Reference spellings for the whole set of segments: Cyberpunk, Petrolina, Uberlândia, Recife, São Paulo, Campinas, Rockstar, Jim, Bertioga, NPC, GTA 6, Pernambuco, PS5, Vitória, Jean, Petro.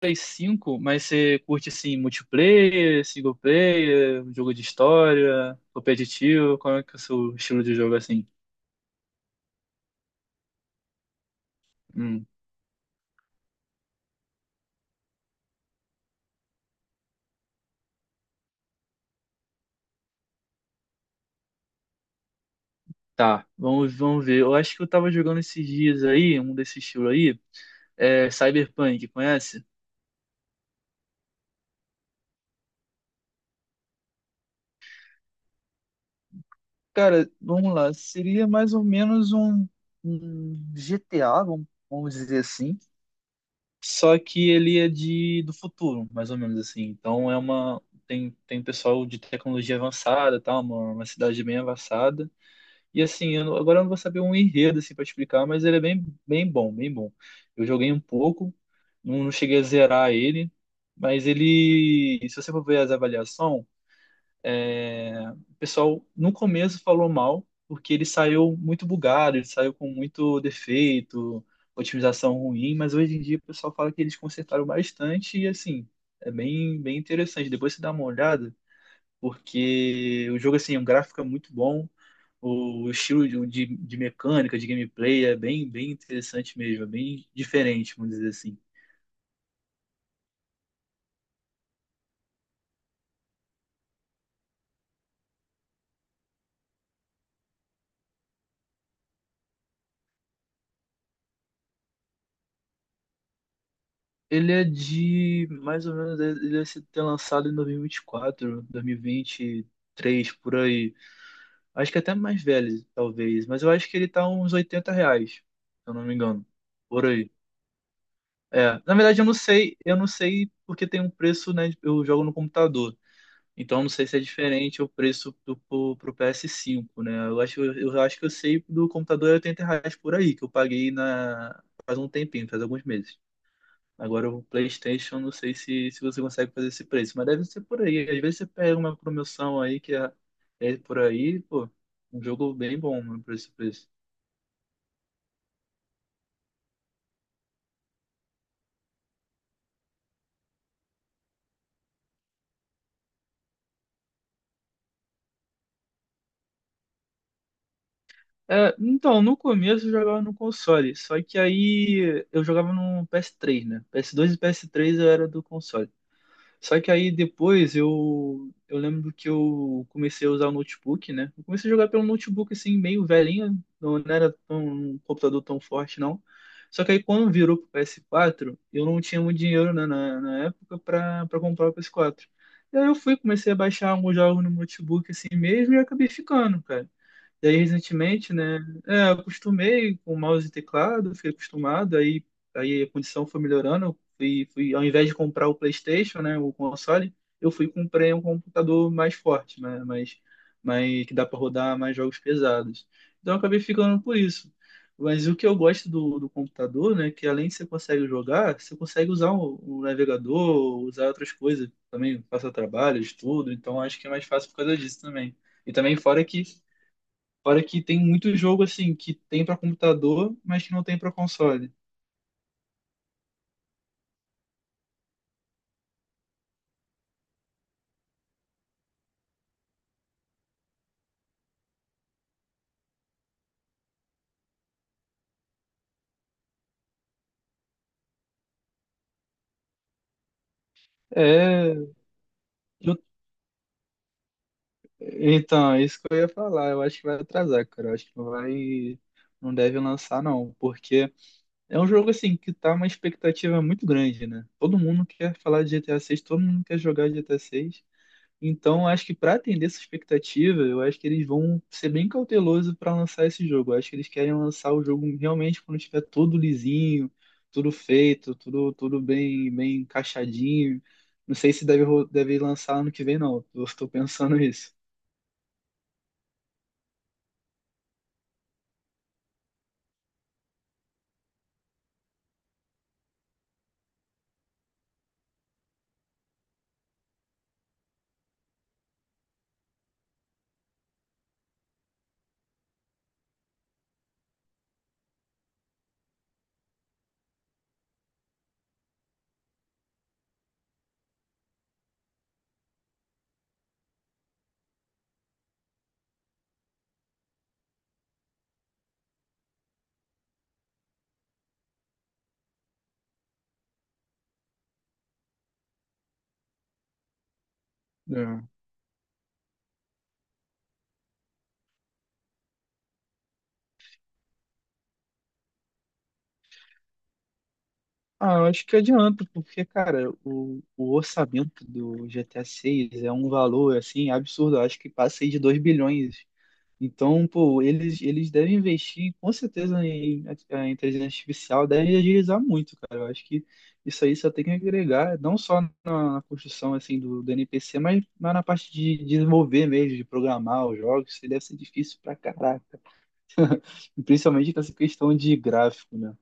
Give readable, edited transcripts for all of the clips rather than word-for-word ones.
Play cinco, mas você curte assim multiplayer, single player, jogo de história, competitivo? Qual é que é o seu estilo de jogo assim? Hum, tá, vamos ver. Eu acho que eu tava jogando esses dias aí, um desse estilo aí, é Cyberpunk, conhece? Cara, vamos lá. Seria mais ou menos um GTA, vamos dizer assim. Só que ele é de do futuro, mais ou menos assim. Então é uma tem pessoal de tecnologia avançada, tá? Uma cidade bem avançada. E assim, eu não- agora eu não vou saber um enredo assim para explicar, mas ele é bem bom, bem bom. Eu joguei um pouco, não cheguei a zerar ele, mas ele, se você for ver as avaliações é, o pessoal no começo falou mal, porque ele saiu muito bugado, ele saiu com muito defeito, otimização ruim, mas hoje em dia o pessoal fala que eles consertaram bastante e assim, é bem, bem interessante. Depois você dá uma olhada, porque o jogo assim, o gráfico é muito bom, o estilo de mecânica, de gameplay é bem, bem interessante mesmo, é bem diferente, vamos dizer assim. Ele é de, mais ou menos, ele ter lançado em 2024, 2023, por aí. Acho que até mais velho, talvez. Mas eu acho que ele tá uns R$ 80, se eu não me engano. Por aí. É, na verdade eu não sei porque tem um preço, né? Eu jogo no computador. Então eu não sei se é diferente o preço pro PS5, né? Eu acho que eu sei do computador é R$ 80 por aí, que eu paguei na, faz um tempinho, faz alguns meses. Agora o PlayStation, não sei se você consegue fazer esse preço, mas deve ser por aí. Às vezes você pega uma promoção aí que é, é por aí, pô, um jogo bem bom, mano, por esse preço. É, então, no começo eu jogava no console, só que aí eu jogava no PS3, né? PS2 e PS3 eu era do console. Só que aí depois eu lembro que eu comecei a usar o notebook, né? Eu comecei a jogar pelo notebook assim, meio velhinho, não era tão, um computador tão forte não. Só que aí quando virou pro PS4, eu não tinha muito dinheiro né, na época pra comprar o PS4. E aí eu fui, comecei a baixar alguns jogos no notebook assim mesmo e acabei ficando, cara. Daí, recentemente, né, é, eu acostumei com mouse e teclado, fiquei acostumado, aí, aí a condição foi melhorando, eu ao invés de comprar o PlayStation, né, o console, eu fui e comprei um computador mais forte, né, que dá para rodar mais jogos pesados. Então, eu acabei ficando por isso. Mas o que eu gosto do computador, né, que além de você consegue jogar, você consegue usar o navegador, usar outras coisas também, passar trabalho, estudo, então acho que é mais fácil por causa disso também. E também fora que tem muito jogo assim que tem para computador, mas que não tem para console. É, eu- então, é isso que eu ia falar, eu acho que vai atrasar, cara. Eu acho que não vai, não deve lançar não, porque é um jogo assim que tá uma expectativa muito grande, né? Todo mundo quer falar de GTA 6, todo mundo quer jogar GTA 6. Então, acho que para atender essa expectativa, eu acho que eles vão ser bem cautelosos para lançar esse jogo. Eu acho que eles querem lançar o jogo realmente quando estiver tudo lisinho, tudo feito, tudo, tudo bem, bem encaixadinho. Não sei se deve lançar ano que vem, não. Eu estou pensando isso. É. Ah, eu acho que adianta, porque, cara, o orçamento do GTA VI é um valor, assim, absurdo. Eu acho que passa aí de 2 bilhões. Então, pô, eles devem investir com certeza em a inteligência artificial, devem agilizar muito, cara. Eu acho que isso aí só tem que agregar, não só na construção assim do NPC, mas na parte de desenvolver mesmo, de programar os jogos, isso aí deve ser difícil pra caraca. E principalmente com essa questão de gráfico, né?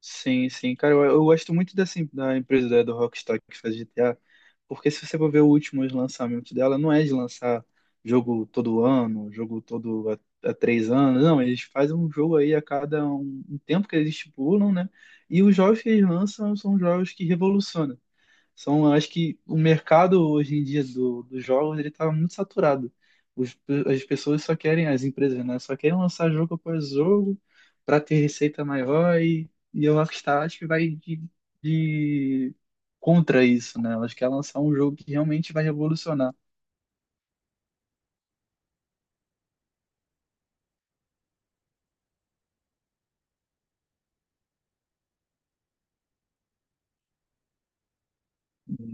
Sim, sim. Cara, eu gosto muito dessa, da empresa do Rockstar que faz GTA, porque se você for ver os últimos lançamentos dela, não é de lançar jogo todo ano, jogo todo a três anos, não, eles fazem um jogo aí a cada um tempo que eles estipulam, né? E os jogos que eles lançam são jogos que revolucionam. São, eu acho que o mercado hoje em dia dos jogos ele está muito saturado. Os- as pessoas só querem, as empresas, né? Só querem lançar jogo após jogo para ter receita maior e a Rockstar acho que vai de contra isso, né? Elas querem lançar um jogo que realmente vai revolucionar.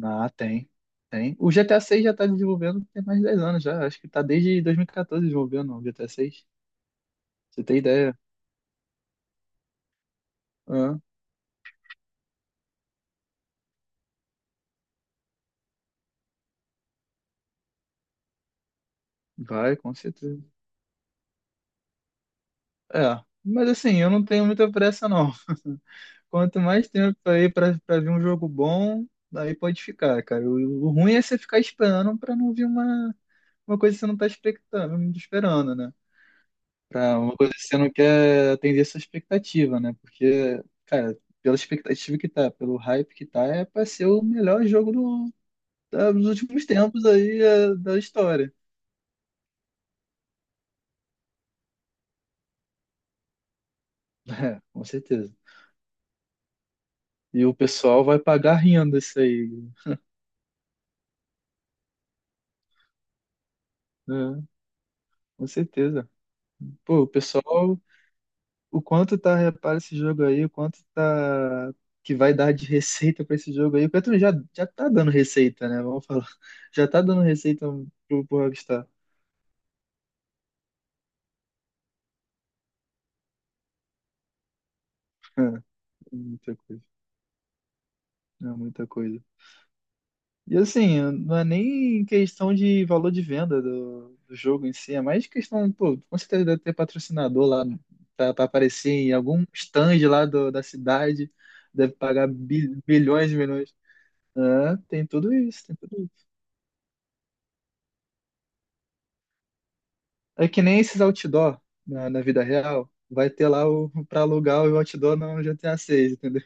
Ah, tem. Tem. O GTA 6 já está desenvolvendo tem mais de 10 anos já. Acho que está desde 2014 desenvolvendo o GTA 6. Você tem ideia? Ah, vai, com certeza. É, mas assim, eu não tenho muita pressa, não. Quanto mais tempo aí pra ver um jogo bom, aí pode ficar, cara. O ruim é você ficar esperando pra não vir uma coisa que você não tá expectando, esperando, né? Pra uma coisa que você não quer atender essa expectativa, né? Porque, cara, pela expectativa que tá, pelo hype que tá, é pra ser o melhor jogo dos últimos tempos aí é, da história. É, com certeza. E o pessoal vai pagar rindo isso aí, né? Com certeza. Pô, o pessoal, o quanto tá, repara esse jogo aí, o quanto tá que vai dar de receita pra esse jogo aí. O Petro já tá dando receita, né? Vamos falar. Já tá dando receita pro Rockstar. É, é muita coisa. É muita coisa. E assim, não é nem questão de valor de venda do jogo em si, é mais questão, pô, com certeza deve ter patrocinador lá pra aparecer em algum stand lá da cidade, deve pagar bilhões e milhões. É, tem tudo isso, tem tudo. É que nem esses outdoor na vida real. Vai ter lá o para alugar o outdoor no GTA 6, entendeu?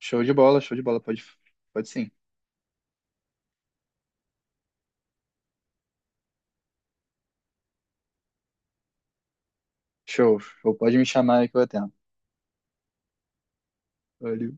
Show de bola, show de bola. Pode, pode sim. Show, show. Pode me chamar aí que eu atendo. Valeu.